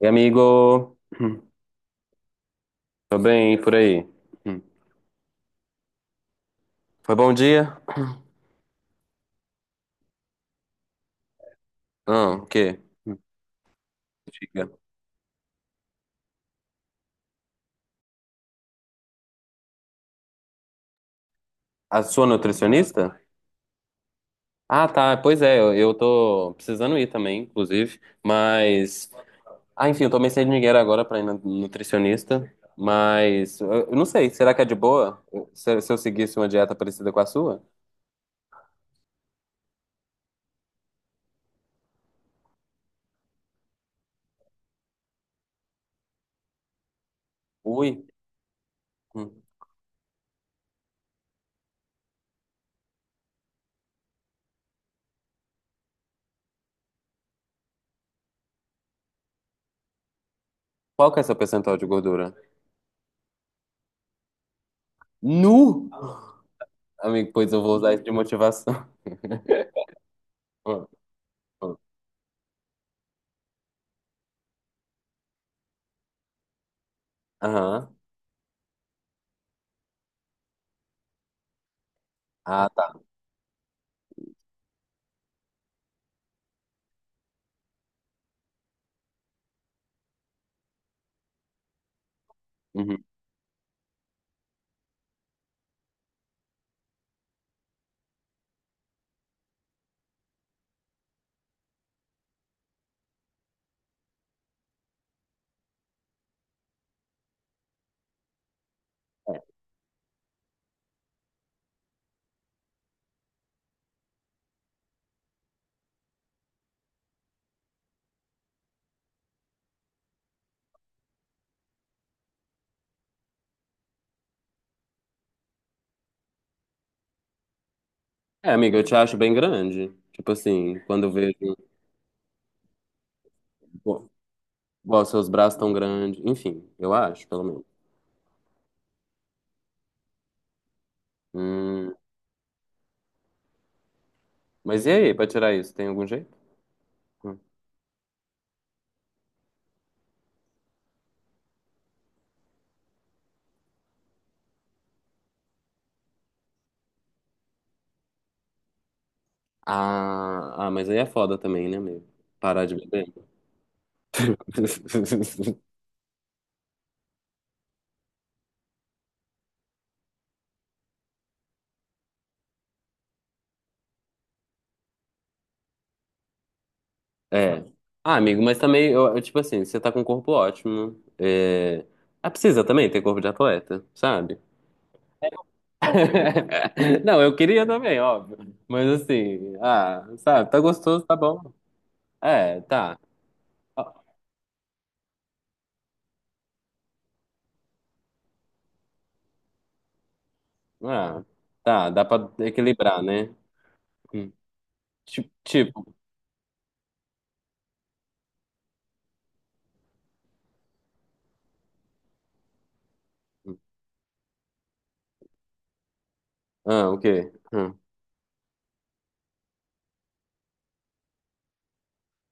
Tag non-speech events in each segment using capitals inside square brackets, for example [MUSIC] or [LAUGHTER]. E amigo, [CLEARS THROAT] Hum. Tô bem, e por aí? Hum. Foi bom dia? Ah, o quê? Diga. A sua nutricionista? Ah, tá, pois é, eu tô precisando ir também, inclusive, mas... Ah, enfim, eu tomei sem dinheiro agora pra ir na nutricionista, mas eu não sei, será que é de boa se eu seguisse uma dieta parecida com a sua? Ui, hum. Qual que é seu percentual de gordura? Nu! Amigo, pois eu vou usar isso de motivação. [LAUGHS] Hum, hum. Aham, ah, tá. Uhum. É, amiga, eu te acho bem grande. Tipo assim, quando eu vejo, pô, ó, seus braços tão grandes. Enfim, eu acho, pelo menos. Hum, mas e aí, pra tirar isso, tem algum jeito? Hum. Ah, mas aí é foda também, né, amigo? Parar de beber. [LAUGHS] É. Ah, amigo, mas também, tipo assim, você tá com um corpo ótimo. É... Ah, precisa também ter corpo de atleta, sabe? [LAUGHS] Não, eu queria também, óbvio. Mas assim, ah, sabe, tá gostoso, tá bom. É, tá. Ah, tá, dá pra equilibrar, né? Hum. Tipo, hum, ah, o quê? Hum.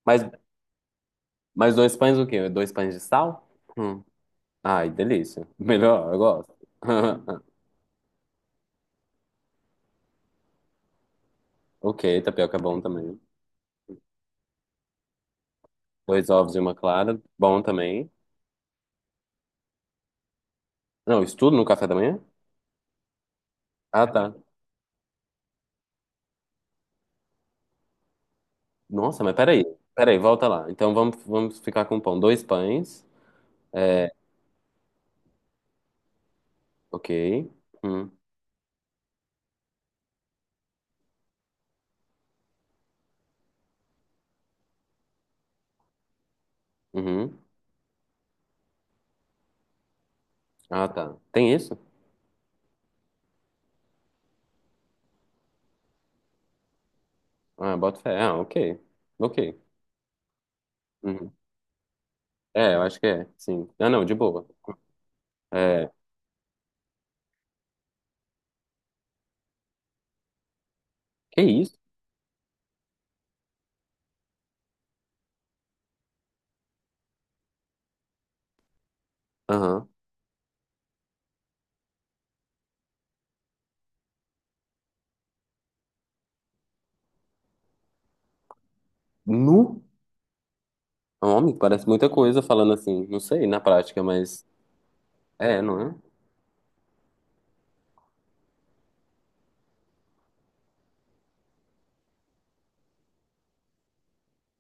Mas, mas dois pães o quê? Dois pães de sal? Hum. Ai, delícia. [LAUGHS] Melhor, eu gosto. [LAUGHS] Ok, tapioca é bom também. Dois ovos e uma clara, bom também. Não, isso tudo no café da manhã? Ah, tá. Nossa, mas peraí. Peraí, volta lá. Então vamos ficar com pão. Dois pães. É, ok. Hum, uhum. Ah, tá. Tem isso? Ah, bota fé. Ah, ok. Ok. Uhum. É, eu acho que é, sim. Ah, não, de boa. É, que isso? Aham. Nu? É um homem? Parece muita coisa falando assim. Não sei, na prática, mas... É, não é?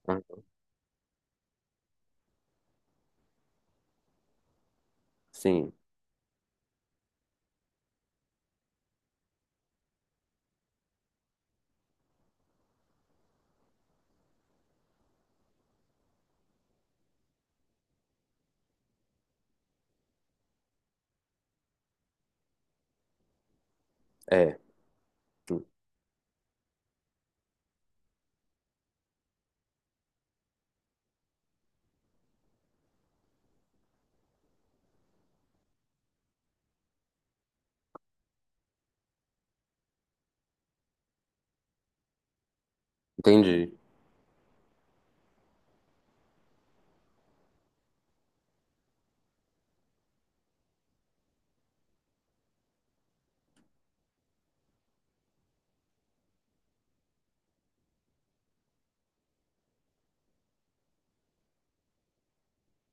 Ah, sim, é. Entendi.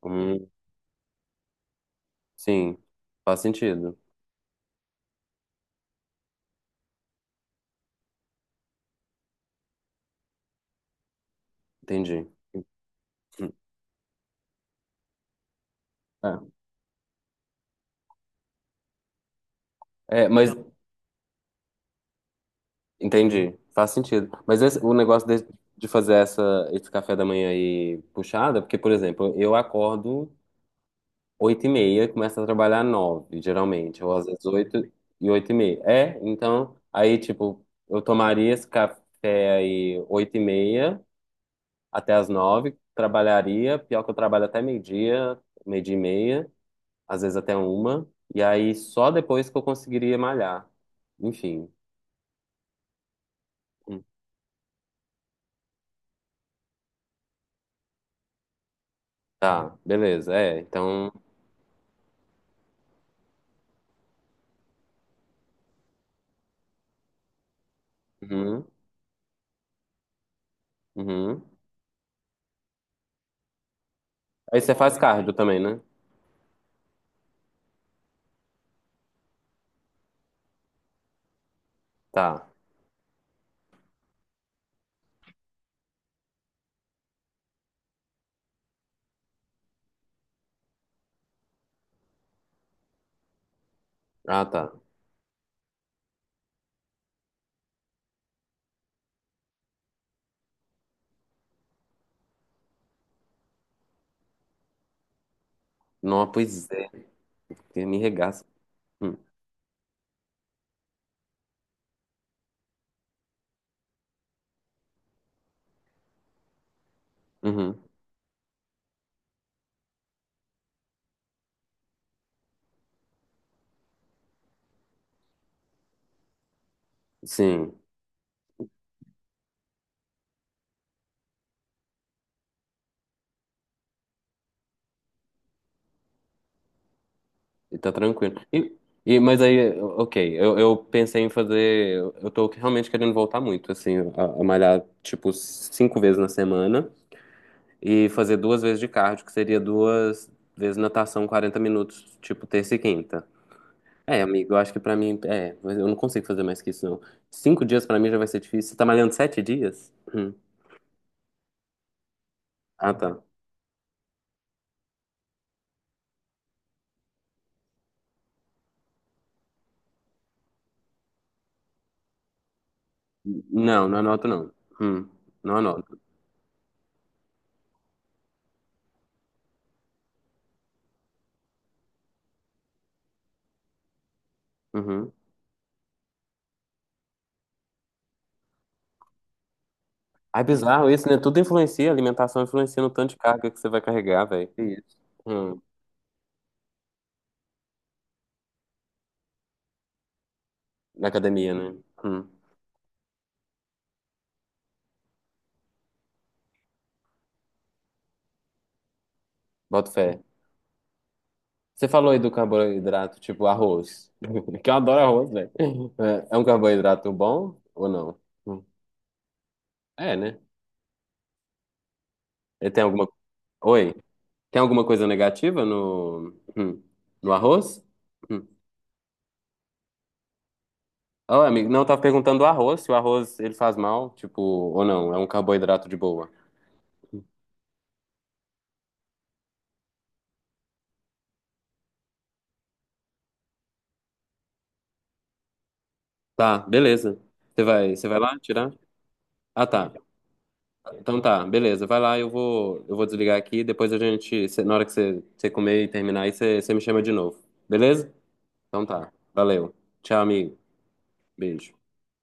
Hum, sim, faz sentido. Entendi. É, é, mas... Entendi. Faz sentido. O negócio de, fazer esse café da manhã aí puxada, porque, por exemplo, eu acordo... Oito e meia, começa a trabalhar nove, geralmente, ou às vezes oito e meia. É, então, aí, tipo, eu tomaria esse café aí oito e meia até as nove, trabalharia, pior que eu trabalho até meio-dia, meio-dia e meia, às vezes até uma, e aí só depois que eu conseguiria malhar. Enfim, hum, tá, beleza, é, então, uhum, uhum. Aí você faz cardio também, né? Tá, ah, tá. Não, pois é, que me regaça. Hum, Uhum. Sim. E tá tranquilo. Mas aí, ok, eu pensei em fazer. Eu tô realmente querendo voltar muito, assim, a malhar, tipo, cinco vezes na semana e fazer duas vezes de cardio, que seria duas vezes natação, 40 minutos, tipo, terça e quinta. É, amigo, eu acho que pra mim. É, mas eu não consigo fazer mais que isso, não. 5 dias pra mim já vai ser difícil. Você tá malhando 7 dias? Ah, tá. Não, não anoto, não. Hum. Não anoto. Uhum. Ah, é bizarro isso, né? Tudo influencia, a alimentação influencia no tanto de carga que você vai carregar, velho. Que isso. Hum, Na academia, né? Hum, Boto fé. Você falou aí do carboidrato, tipo arroz. [LAUGHS] Que eu adoro arroz, velho. É, é um carboidrato bom ou não? Hum, é, né? Ele tem alguma. Oi? Tem alguma coisa negativa no, no arroz? Hum. Oh, amigo, não, eu tava perguntando do arroz, se o arroz ele faz mal, tipo, ou não, é um carboidrato de boa. Tá, beleza. Você vai lá tirar? Ah, tá. Então tá, beleza. Vai lá, eu vou desligar aqui. Depois a gente, na hora que você comer e terminar, aí você me chama de novo. Beleza? Então tá. Valeu. Tchau, amigo. Beijo.